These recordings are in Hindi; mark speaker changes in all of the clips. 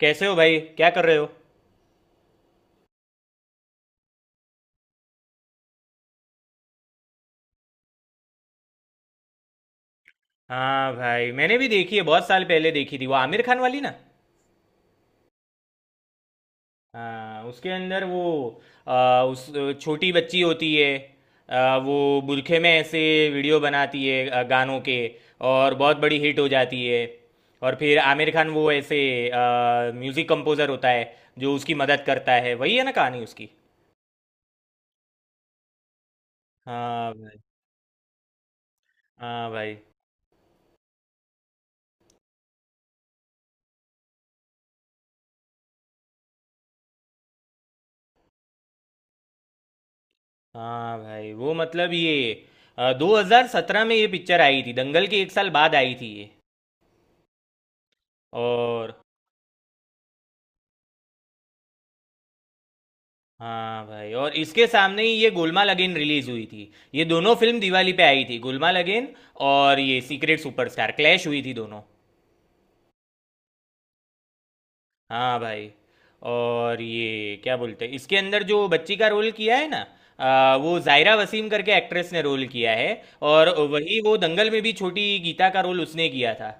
Speaker 1: कैसे हो भाई? क्या कर रहे हो? हाँ भाई, मैंने भी देखी है, बहुत साल पहले देखी थी, वो आमिर खान वाली ना। हाँ उसके अंदर वो उस छोटी बच्ची होती है। वो बुरखे में ऐसे वीडियो बनाती है गानों के, और बहुत बड़ी हिट हो जाती है। और फिर आमिर खान वो ऐसे म्यूजिक कंपोजर होता है जो उसकी मदद करता है, वही है ना कहानी उसकी। हाँ भाई, हाँ भाई, हाँ भाई, वो मतलब ये 2017 में ये पिक्चर आई थी, दंगल के एक साल बाद आई थी ये। और हाँ भाई, और इसके सामने ही ये गोलमाल अगेन रिलीज हुई थी, ये दोनों फिल्म दिवाली पे आई थी, गोलमाल अगेन और ये सीक्रेट सुपरस्टार, क्लैश हुई थी दोनों। हाँ भाई, और ये क्या बोलते हैं, इसके अंदर जो बच्ची का रोल किया है ना, वो जायरा वसीम करके एक्ट्रेस ने रोल किया है। और वही वो दंगल में भी छोटी गीता का रोल उसने किया था।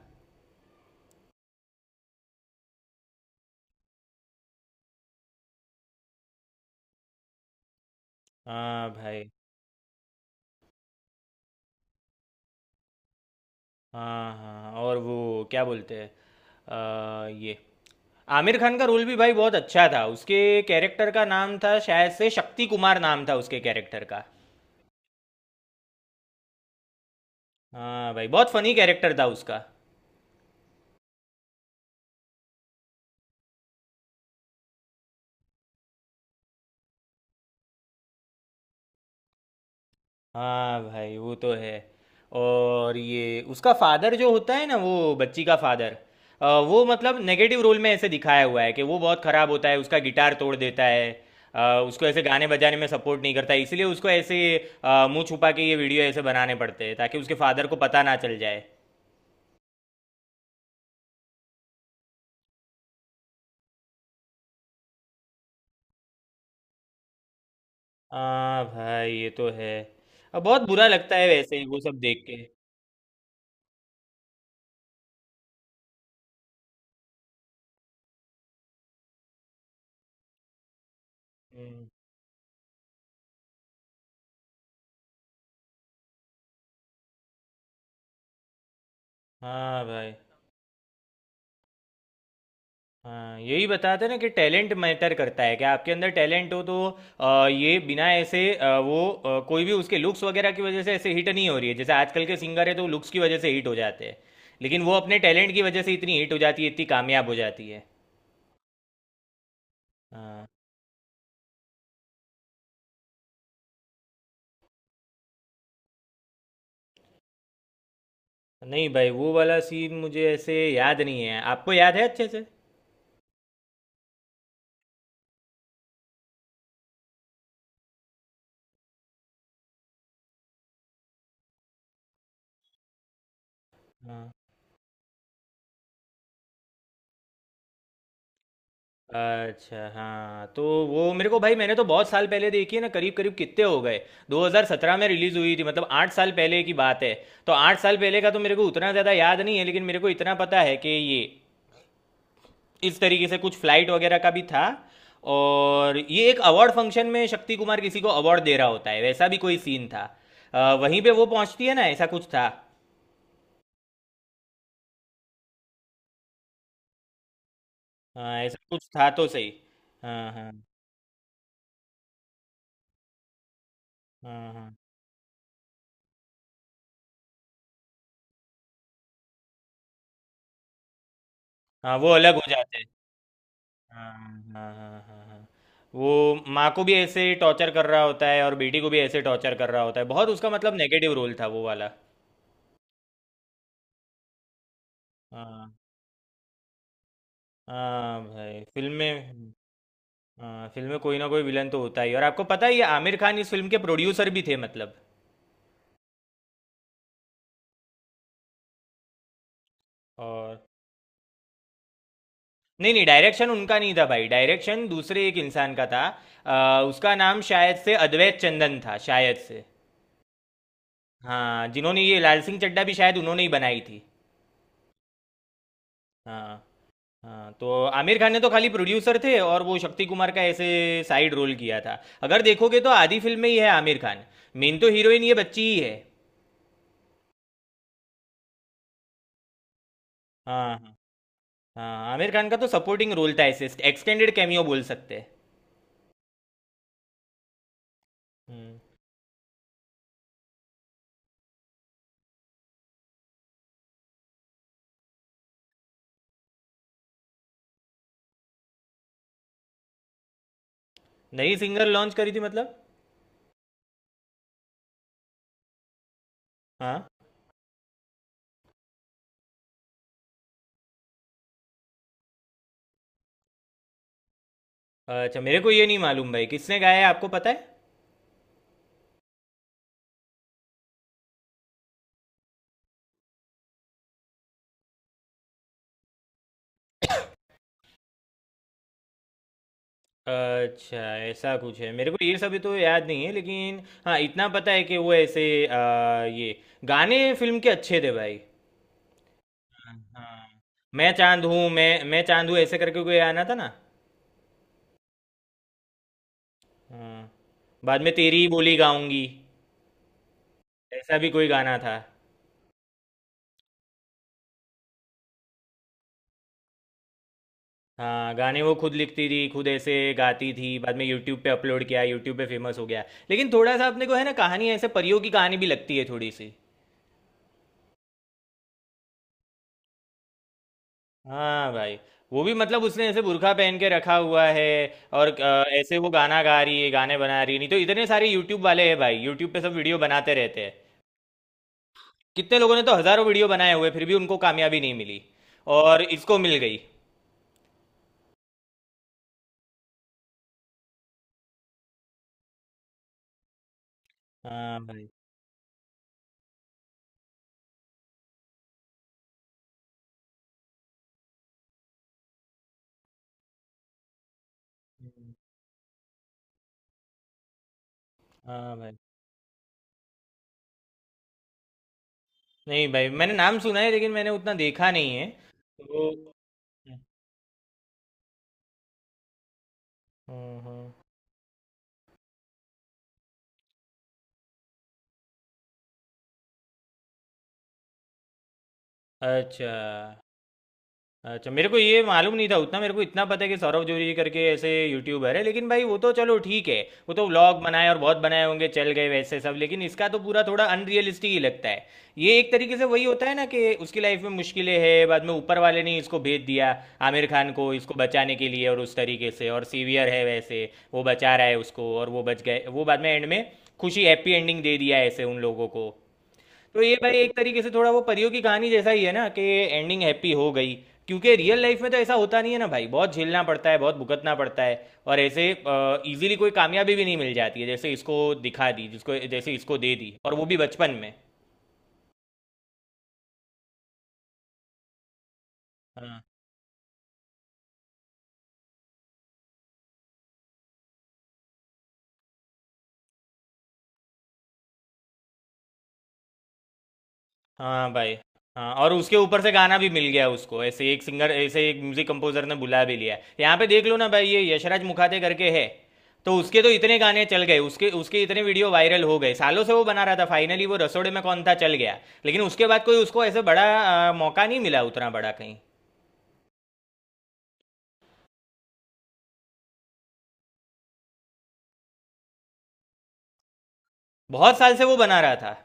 Speaker 1: हाँ भाई। हाँ, हाँ हाँ, और वो क्या बोलते हैं, ये आमिर खान का रोल भी भाई बहुत अच्छा था। उसके कैरेक्टर का नाम था शायद से शक्ति कुमार, नाम था उसके कैरेक्टर का। हाँ भाई, बहुत फनी कैरेक्टर था उसका। हाँ भाई वो तो है। और ये उसका फादर जो होता है ना, वो बच्ची का फादर, वो मतलब नेगेटिव रोल में ऐसे दिखाया हुआ है कि वो बहुत खराब होता है, उसका गिटार तोड़ देता है। अ, उसको ऐसे गाने बजाने में सपोर्ट नहीं करता है, इसलिए उसको ऐसे मुंह छुपा के ये वीडियो ऐसे बनाने पड़ते हैं, ताकि उसके फादर को पता ना चल जाए। हाँ भाई ये तो है, अब बहुत बुरा लगता है, वैसे ही वो सब देख के। हम्म। हाँ भाई। हाँ, यही बताते हैं ना कि टैलेंट मैटर करता है, कि आपके अंदर टैलेंट हो तो ये बिना ऐसे कोई भी उसके लुक्स वगैरह की वजह से ऐसे हिट नहीं हो रही है, जैसे आजकल के सिंगर है तो लुक्स की वजह से हिट हो जाते हैं। लेकिन वो अपने टैलेंट की वजह से इतनी हिट हो जाती है, इतनी कामयाब हो जाती है। हाँ। नहीं भाई, वो वाला सीन मुझे ऐसे याद नहीं है, आपको याद है अच्छे से? अच्छा हाँ, तो वो मेरे को भाई, मैंने तो बहुत साल पहले देखी है ना, करीब करीब कितने हो गए। 2017 में रिलीज़ हुई थी, मतलब 8 साल पहले की बात है। तो 8 साल पहले का तो मेरे को उतना ज़्यादा याद नहीं है, लेकिन मेरे को इतना पता है कि ये इस तरीके से कुछ फ्लाइट वगैरह का भी था। और ये एक अवार्ड फंक्शन में शक्ति कुमार किसी को अवार्ड दे रहा होता है, वैसा भी कोई सीन था। वहीं पे वो पहुंचती है ना, ऐसा कुछ था। हाँ, ऐसा कुछ था तो सही। हाँ हाँ हाँ हाँ। हाँ वो अलग हो जाते हैं। हाँ हाँ हाँ हाँ हाँ। वो माँ को भी ऐसे टॉर्चर कर रहा होता है, और बेटी को भी ऐसे टॉर्चर कर रहा होता है, बहुत उसका मतलब नेगेटिव रोल था वो वाला। हाँ, हाँ भाई फिल्म में, हाँ फिल्म में कोई ना कोई विलन तो होता ही है। और आपको पता है, ये आमिर खान इस फिल्म के प्रोड्यूसर भी थे, मतलब। और नहीं नहीं, डायरेक्शन उनका नहीं था भाई, डायरेक्शन दूसरे एक इंसान का था। उसका नाम शायद से अद्वैत चंदन था, शायद से। हाँ, जिन्होंने ये लाल सिंह चड्ढा भी शायद उन्होंने ही बनाई थी। हाँ। हाँ तो आमिर खान ने तो खाली प्रोड्यूसर थे, और वो शक्ति कुमार का ऐसे साइड रोल किया था। अगर देखोगे तो आधी फिल्म में ही है आमिर खान, मेन तो हीरोइन ये बच्ची ही है। हाँ हाँ। हाँ आमिर खान का तो सपोर्टिंग रोल था, ऐसे एक्सटेंडेड कैमियो बोल सकते हैं। हम्म। नई सिंगर लॉन्च करी थी मतलब? हाँ। अच्छा, मेरे को ये नहीं मालूम भाई, किसने गाया है आपको पता है? अच्छा, ऐसा कुछ है, मेरे को ये सब तो याद नहीं है लेकिन। हाँ इतना पता है कि वो ऐसे ये गाने फिल्म के अच्छे थे भाई। हाँ, मैं चांद हूँ, मैं चांद हूँ, ऐसे करके कोई गाना था ना। हाँ, बाद में तेरी ही बोली गाऊंगी, ऐसा भी कोई गाना था। हाँ, गाने वो खुद लिखती थी, खुद ऐसे गाती थी, बाद में यूट्यूब पे अपलोड किया, यूट्यूब पे फेमस हो गया। लेकिन थोड़ा सा अपने को है ना, कहानी ऐसे परियों की कहानी भी लगती है थोड़ी सी। हाँ भाई, वो भी मतलब उसने ऐसे बुर्खा पहन के रखा हुआ है, और ऐसे वो गाना गा रही है, गाने बना रही है, नहीं तो इतने सारे यूट्यूब वाले हैं भाई, यूट्यूब पे सब वीडियो बनाते रहते हैं। कितने लोगों ने तो हजारों वीडियो बनाए हुए, फिर भी उनको कामयाबी नहीं मिली, और इसको मिल गई। हाँ भाई, हाँ भाई। नहीं भाई, मैंने नाम सुना है, लेकिन मैंने उतना देखा नहीं है। तो हम्म। अच्छा, अच्छा मेरे को ये मालूम नहीं था उतना, मेरे को इतना पता है कि सौरभ जोशी करके ऐसे यूट्यूबर है, लेकिन भाई वो तो चलो ठीक है। वो तो व्लॉग बनाए, और बहुत बनाए होंगे, चल गए वैसे सब, लेकिन इसका तो पूरा थोड़ा अनरियलिस्टिक ही लगता है। ये एक तरीके से वही होता है ना कि उसकी लाइफ में मुश्किलें हैं, बाद में ऊपर वाले ने इसको भेज दिया, आमिर खान को, इसको बचाने के लिए। और उस तरीके से और सीवियर है, वैसे वो बचा रहा है उसको, और वो बच गए, वो बाद में एंड में खुशी, हैप्पी एंडिंग दे दिया ऐसे उन लोगों को। तो ये भाई एक तरीके से थोड़ा वो परियों की कहानी जैसा ही है ना, कि एंडिंग हैप्पी हो गई। क्योंकि रियल लाइफ में तो ऐसा होता नहीं है ना भाई, बहुत झेलना पड़ता है, बहुत भुगतना पड़ता है, और ऐसे इजीली कोई कामयाबी भी नहीं मिल जाती है, जैसे इसको दिखा दी, जिसको जैसे इसको दे दी, और वो भी बचपन में। हाँ, हाँ भाई। हाँ, और उसके ऊपर से गाना भी मिल गया उसको, ऐसे एक सिंगर, ऐसे एक म्यूजिक कंपोजर ने बुला भी लिया। यहाँ पे देख लो ना भाई, ये यशराज मुखाते करके है, तो उसके तो इतने गाने चल गए, उसके उसके इतने वीडियो वायरल हो गए, सालों से वो बना रहा था, फाइनली वो रसोड़े में कौन था चल गया। लेकिन उसके बाद कोई उसको ऐसे बड़ा मौका नहीं मिला, उतना बड़ा कहीं। बहुत साल से वो बना रहा था।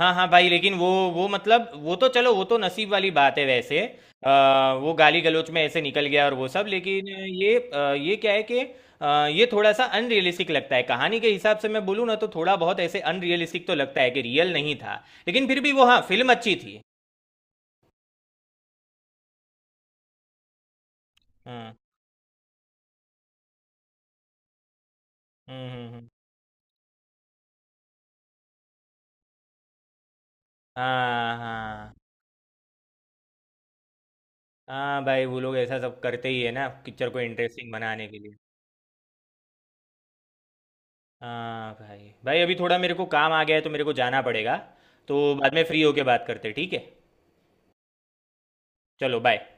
Speaker 1: हाँ हाँ भाई, लेकिन वो मतलब, वो तो चलो, वो तो नसीब वाली बात है वैसे। वो गाली गलौज में ऐसे निकल गया और वो सब, लेकिन ये ये क्या है कि ये थोड़ा सा अनरियलिस्टिक लगता है, कहानी के हिसाब से मैं बोलूँ ना तो, थोड़ा बहुत ऐसे अनरियलिस्टिक तो लगता है कि रियल नहीं था। लेकिन फिर भी वो, हाँ फिल्म अच्छी थी। हम्म हम्म हम्म, हम्म। हाँ हाँ। हाँ भाई वो लोग ऐसा सब करते ही है ना, पिक्चर को इंटरेस्टिंग बनाने के लिए। हाँ भाई, भाई अभी थोड़ा मेरे को काम आ गया है, तो मेरे को जाना पड़ेगा। तो बाद में फ्री होके बात करते हैं, ठीक है? चलो बाय।